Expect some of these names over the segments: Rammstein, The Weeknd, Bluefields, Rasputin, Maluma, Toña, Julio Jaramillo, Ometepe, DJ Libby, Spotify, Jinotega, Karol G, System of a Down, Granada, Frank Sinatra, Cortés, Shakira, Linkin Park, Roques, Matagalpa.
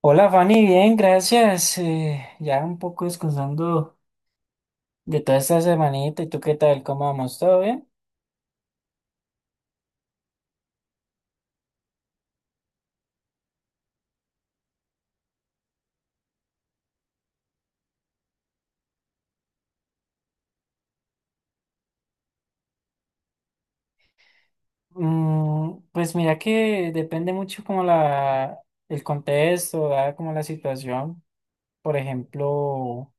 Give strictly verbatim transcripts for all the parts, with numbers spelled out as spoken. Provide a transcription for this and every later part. Hola Fanny, bien, gracias. Eh, ya un poco descansando de toda esta semanita. ¿Y tú qué tal? ¿Cómo vamos? ¿Todo bien? Mm, pues mira que depende mucho como la, el contexto, ¿verdad? Como la situación. Por ejemplo.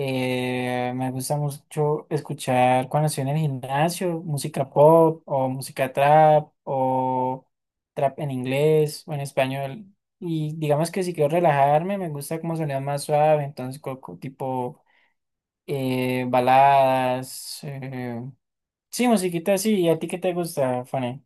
Eh, me gusta mucho escuchar cuando estoy en el gimnasio, música pop o música trap o trap en inglés o en español. Y digamos que si quiero relajarme, me gusta como sonido más suave, entonces co- co- tipo eh, baladas. eh, Sí, musiquita así. ¿Y a ti qué te gusta, Fanny?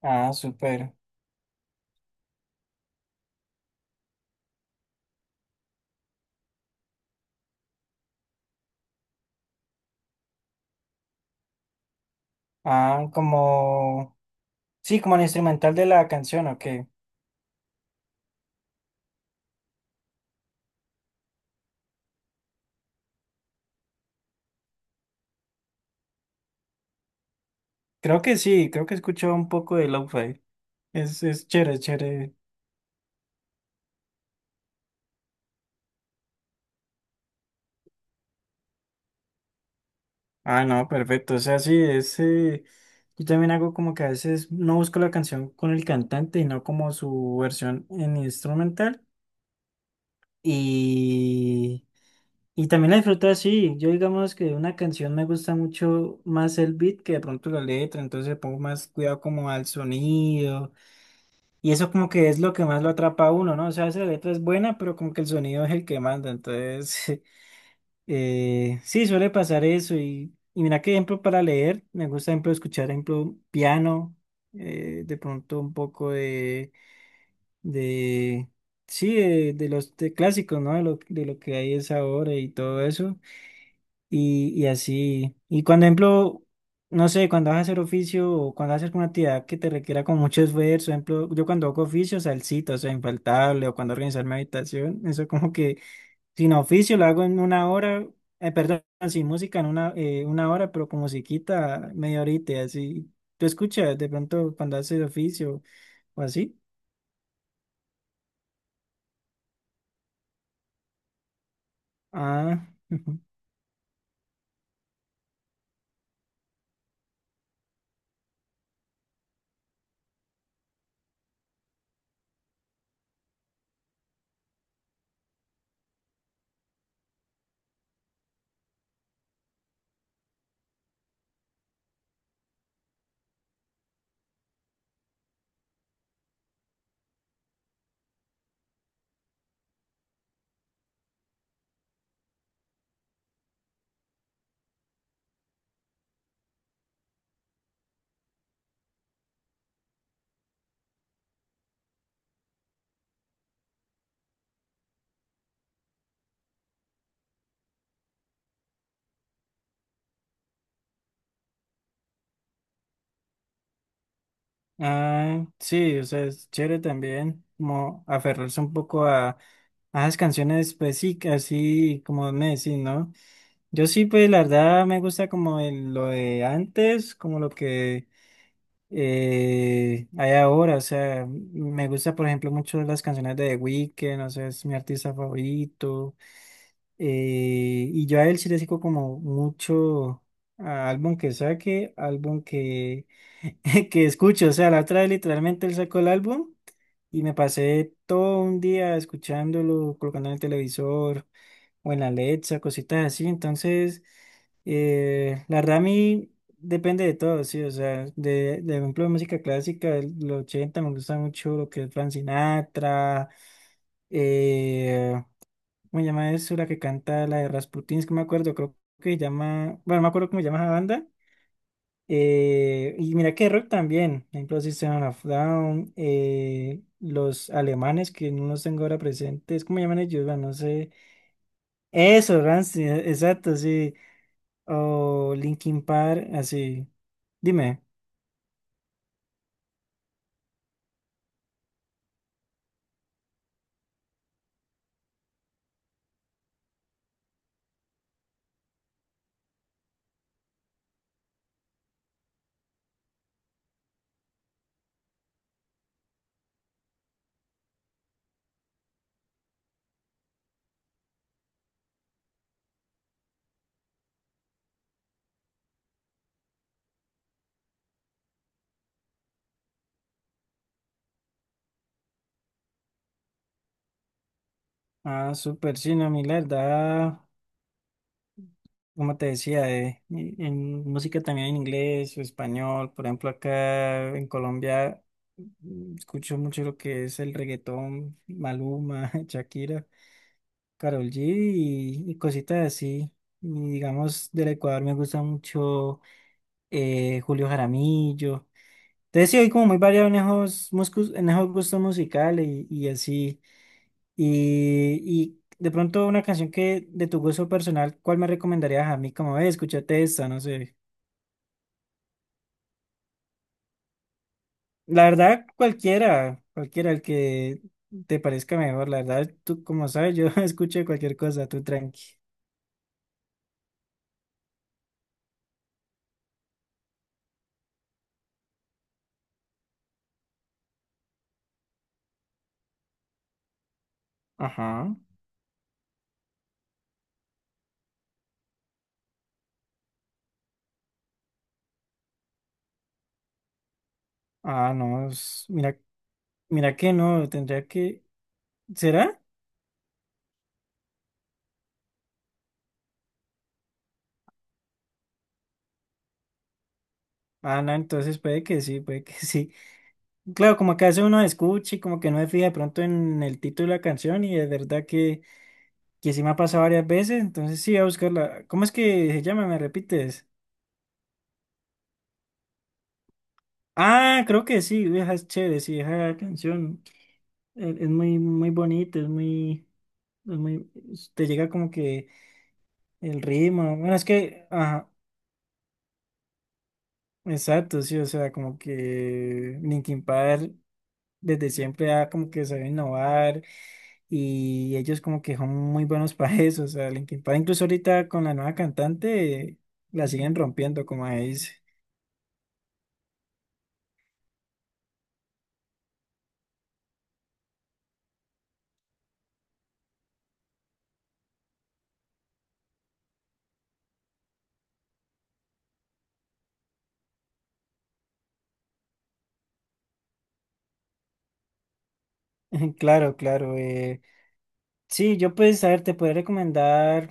Ah, súper. Ah, como... Sí, como el instrumental de la canción, ¿o qué? Creo que sí, creo que escucho un poco de lo-fi. Es, es chévere, chévere. Ah, no, perfecto. O sea, sí, es, eh, yo también hago como que a veces no busco la canción con el cantante y no como su versión en instrumental. Y, y también la disfruto así. Yo digamos que una canción me gusta mucho más el beat que de pronto la letra, entonces pongo más cuidado como al sonido. Y eso como que es lo que más lo atrapa a uno, ¿no? O sea, a veces la letra es buena, pero como que el sonido es el que manda. Entonces, Eh, sí, suele pasar eso. Y, y mira que ejemplo para leer, me gusta ejemplo escuchar ejemplo piano, eh, de pronto un poco de, de sí, de, de los de clásicos, ¿no? De lo, de lo que hay es ahora y todo eso. Y, y así. Y cuando ejemplo, no sé, cuando vas a hacer oficio o cuando haces una actividad que te requiera con mucho esfuerzo, ejemplo, yo cuando hago oficio, salsita, o sea, infaltable, o cuando organizar mi habitación, eso como que sin oficio lo hago en una hora, eh, perdón, sin música en una, eh, una hora, pero con musiquita media horita, así. ¿Tú escuchas de pronto cuando haces oficio o así? Ah, ujú. Ah, sí, o sea, es chévere también, como aferrarse un poco a, a esas canciones, pues sí, que así como me decís, ¿no? Yo sí, pues la verdad me gusta como el- lo de antes, como lo que eh, hay ahora, o sea, me gusta, por ejemplo, mucho las canciones de The Weeknd, o sea, es mi artista favorito. Eh, y yo a él sí le sigo como mucho a álbum que saque, álbum que, que escucho, o sea, la otra vez literalmente él sacó el álbum y me pasé todo un día escuchándolo, colocando en el televisor o en la Alexa, cositas así. Entonces, eh, la verdad a mí depende de todo, sí, o sea, de, de ejemplo de música clásica, de los ochenta me gusta mucho lo que es Frank Sinatra. eh, ¿Cómo se llama eso? La que canta la de Rasputin, es que no me acuerdo, creo que se llama, bueno, no me acuerdo cómo se llama esa banda. Eh, y mira que rock también, por ejemplo, System of a Down, eh, los alemanes que no los tengo ahora presentes, ¿cómo llaman ellos? Bueno, no sé. Eso, Rammstein, exacto, sí. O Linkin Park, así. Dime. Ah, súper, sí, no, a mí la verdad, como te decía, eh, en en música también en inglés o español, por ejemplo, acá en Colombia mm, escucho mucho lo que es el reggaetón, Maluma, Shakira, Karol G y, y cositas así. Y digamos, del Ecuador me gusta mucho eh, Julio Jaramillo. Entonces sí, hay como muy variado en esos, muscus- en esos gustos musicales y, y así. Y, y de pronto una canción que de tu gusto personal, ¿cuál me recomendarías a mí? Como, eh, escúchate esta, no sé. La verdad, cualquiera, cualquiera, el que te parezca mejor. La verdad, tú, como sabes, yo escucho cualquier cosa, tú tranqui. Ajá. Ah, no, es- mira, mira que no, tendría que. ¿Será? Ah, no, entonces puede que sí, puede que sí. Claro, como que hace uno escucha y como que no se fija de pronto en el título de la canción y es verdad que que sí me ha pasado varias veces, entonces sí, voy a buscarla. ¿Cómo es que se llama? ¿Me repites? Ah, creo que sí, vieja es chévere, sí, esa canción eh, es muy, muy bonita, es muy, es muy, es- te llega como que el ritmo, bueno, es que, ajá, exacto, sí, o sea, como que Linkin Park desde siempre ha como que sabe innovar y ellos como que son muy buenos para eso, o sea, Linkin Park incluso ahorita con la nueva cantante la siguen rompiendo, como ahí dice. Claro, claro. Eh, sí, yo pues, a ver, te podría recomendar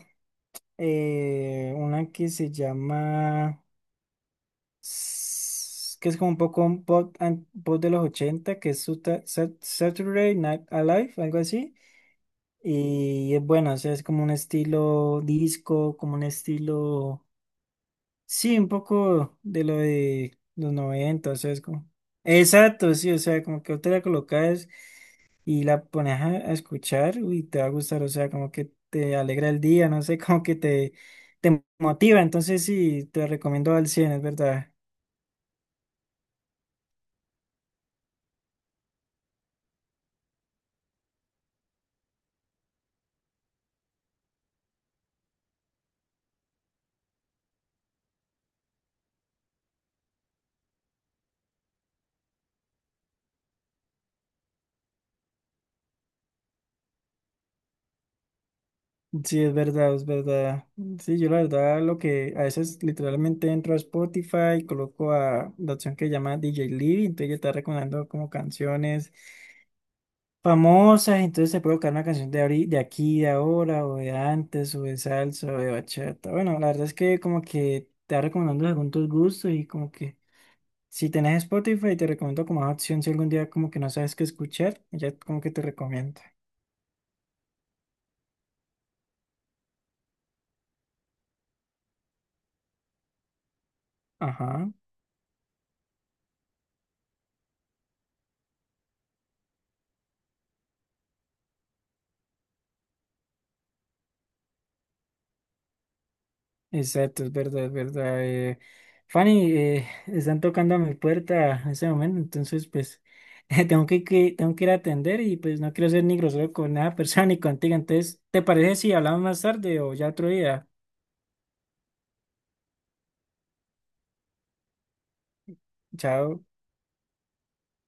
eh, una que se llama, s- que es como un poco un pop, an- pop de los ochenta, que es Suta- Sat- Saturday Night Alive, algo así. Y es bueno, o sea, es como un estilo disco, como un estilo, sí, un poco de lo de los noventa. O sea, es como... Exacto, sí, o sea, como que otra la colocas. Y la pones a, a escuchar y te va a gustar, o sea, como que te alegra el día, no sé, como que te, te motiva, entonces sí, te recomiendo al cien es verdad, sí, es verdad, es verdad, sí, yo la verdad lo que a veces literalmente entro a Spotify, coloco a la opción que llama D J Libby, entonces ya está recomendando como canciones famosas, entonces te puede buscar una canción de, ahori- de aquí, de ahora, o de antes, o de salsa, o de bachata. Bueno, la verdad es que como que te va recomendando según tus gustos y como que si tenés Spotify, te recomiendo como una opción si algún día como que no sabes qué escuchar, ya como que te recomiendo. Ajá, exacto, es verdad, es verdad. eh. Fanny, eh, están tocando a mi puerta en ese momento, entonces pues tengo que, que- tengo que ir a atender y pues no quiero ser ni grosero con nada persona ni contigo. Entonces, ¿te parece si hablamos más tarde o ya otro día? Chao.